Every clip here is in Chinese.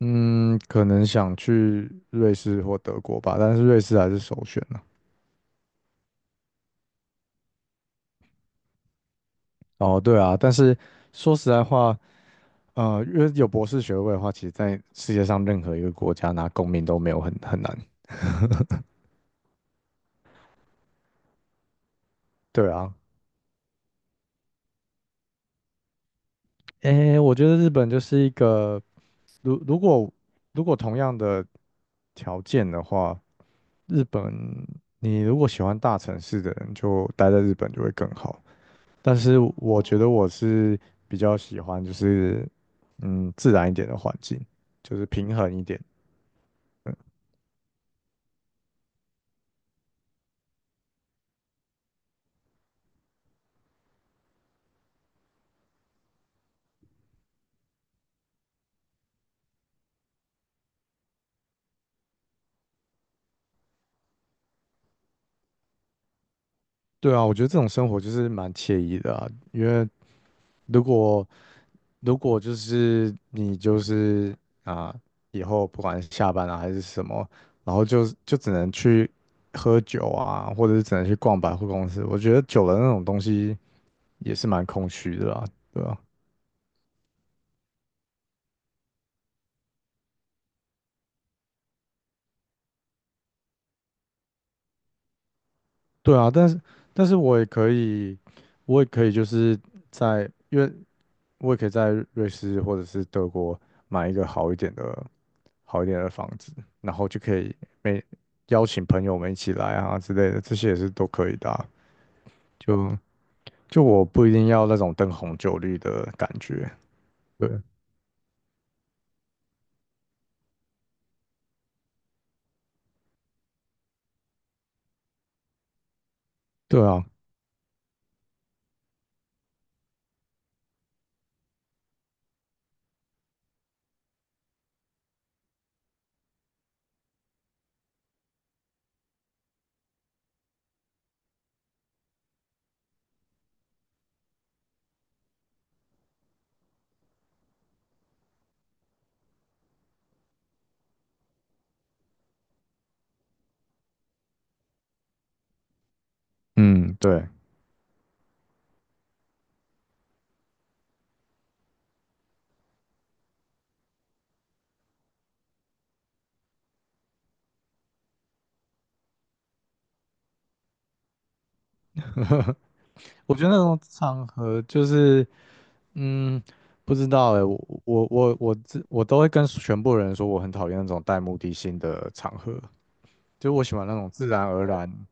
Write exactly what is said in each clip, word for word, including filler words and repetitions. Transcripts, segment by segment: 嗯，可能想去瑞士或德国吧，但是瑞士还是首选呢。哦，对啊，但是说实在话，呃，因为有博士学位的话，其实在世界上任何一个国家拿公民都没有很很难。对啊，诶，我觉得日本就是一个，如如果如果同样的条件的话，日本你如果喜欢大城市的人，就待在日本就会更好。但是我觉得我是比较喜欢，就是嗯，自然一点的环境，就是平衡一点。对啊，我觉得这种生活就是蛮惬意的啊，因为如果如果就是你就是啊，以后不管是下班啊还是什么，然后就就只能去喝酒啊，或者是只能去逛百货公司，我觉得久了那种东西也是蛮空虚的啊，对啊对啊，但是但是我也可以，我也可以就是在，因为我也可以在瑞士或者是德国买一个好一点的、好一点的房子，然后就可以每邀请朋友们一起来啊之类的，这些也是都可以的啊就就我不一定要那种灯红酒绿的感觉。对对啊，嗯，对，我觉得那种场合就是。嗯，不知道哎，我我我我自我都会跟全部人说，我很讨厌那种带目的性的场合，就是我喜欢那种自然而然，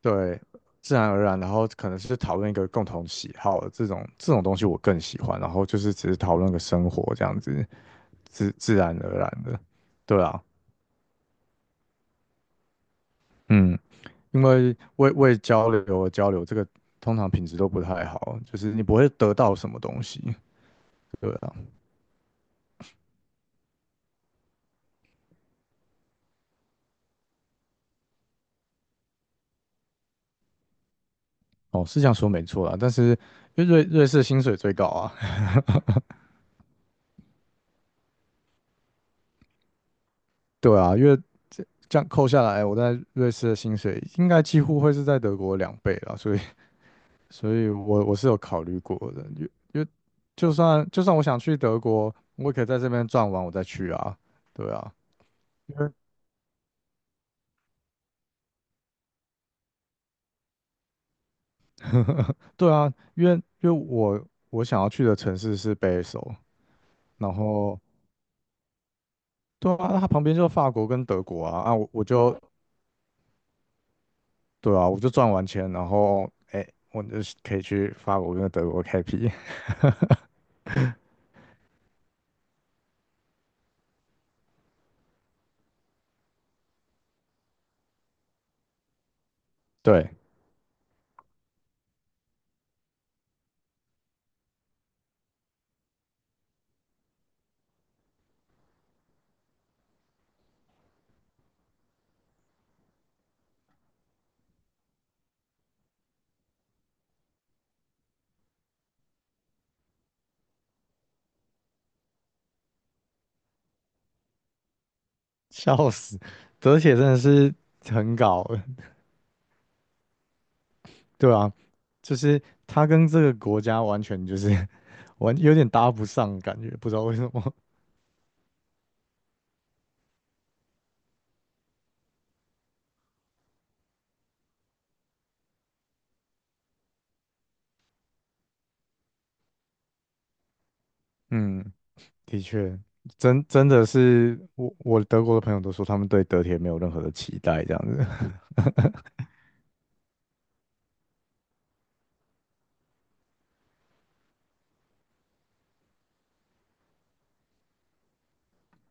对，自然而然，然后可能是讨论一个共同喜好这种这种东西我更喜欢，然后就是只是讨论个生活这样子，自自然而然的，对啊，嗯，因为为为交流而交流，这个通常品质都不太好，就是你不会得到什么东西，对啊。哦，是这样说没错啦，但是因为瑞瑞士薪水最高啊，对啊，因为这样扣下来，我在瑞士的薪水应该几乎会是在德国两倍啦，所以，所以我我是有考虑过的，因为因为就算就算我想去德国，我也可以在这边赚完我再去啊，对啊，因为 对啊，因为因为我我想要去的城市是北首，然后对啊，它旁边就是法国跟德国啊，啊我我就对啊，我就赚完钱，然后哎，我就可以去法国跟德国开辟。对，笑死，德铁真的是很搞，对啊，就是他跟这个国家完全就是 完有点搭不上，感觉不知道为什么。嗯 的确，真真的是我我德国的朋友都说他们对德铁没有任何的期待这样子。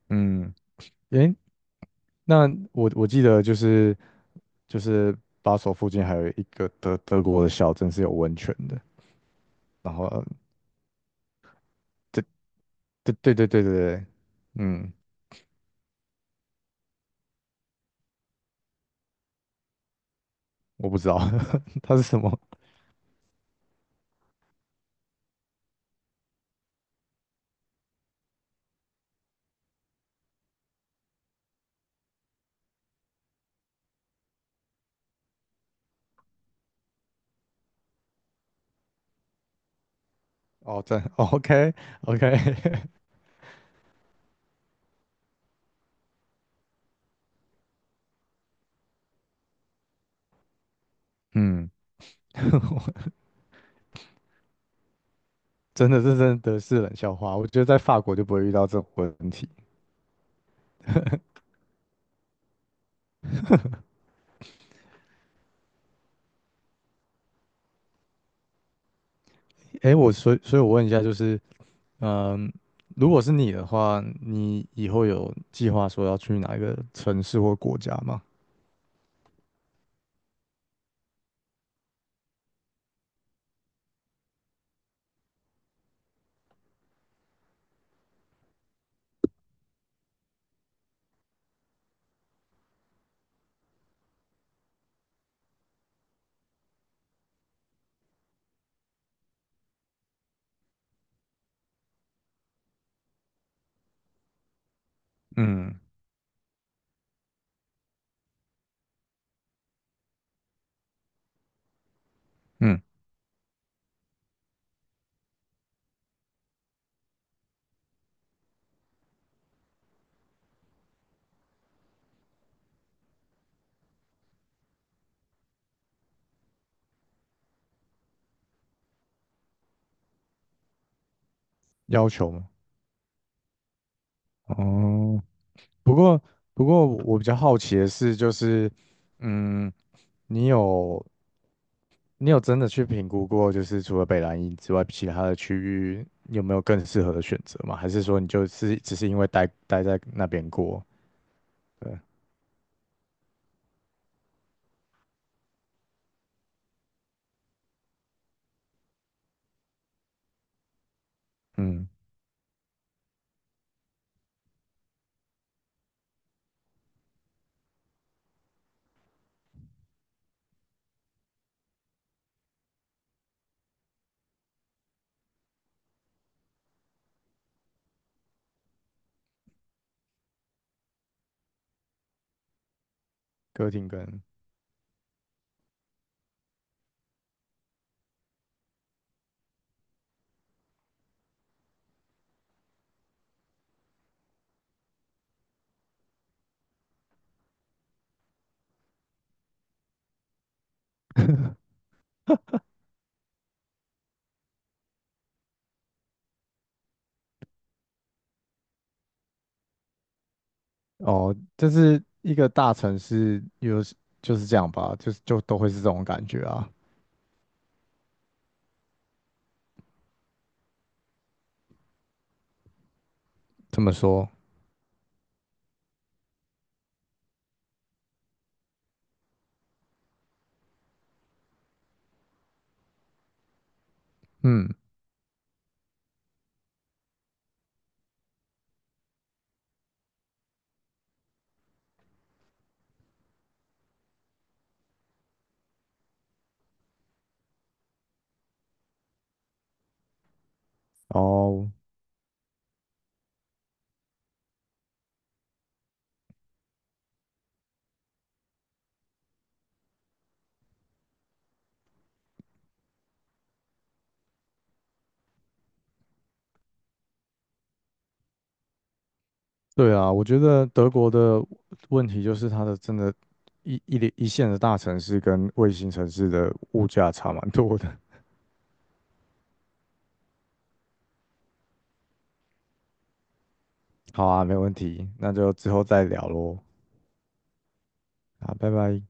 嗯，诶，那我我记得就是就是巴首附近还有一个德德国的小镇是有温泉的。然后对对对对对对对，嗯，我不知道 它是什么。哦，真 OK OK,嗯，真的这真的是冷笑话。我觉得在法国就不会遇到这种问题。诶，我所以所以，我问一下，就是如果是你的话，你以后有计划说要去哪一个城市或国家吗？嗯嗯，要求吗？哦，不过不过我比较好奇的是，就是嗯，你有你有真的去评估过，就是除了北兰茵之外，其他的区域有没有更适合的选择吗？还是说你就是只是因为待待在那边过？对，嗯，哥廷根 哦，就是一个大城市，有就是这样吧，就是就都会是这种感觉啊。这么说，嗯，哦，对啊，我觉得德国的问题就是它的真的一，一一一线的大城市跟卫星城市的物价差蛮多的。好啊，没问题，那就之后再聊喽。好，拜拜。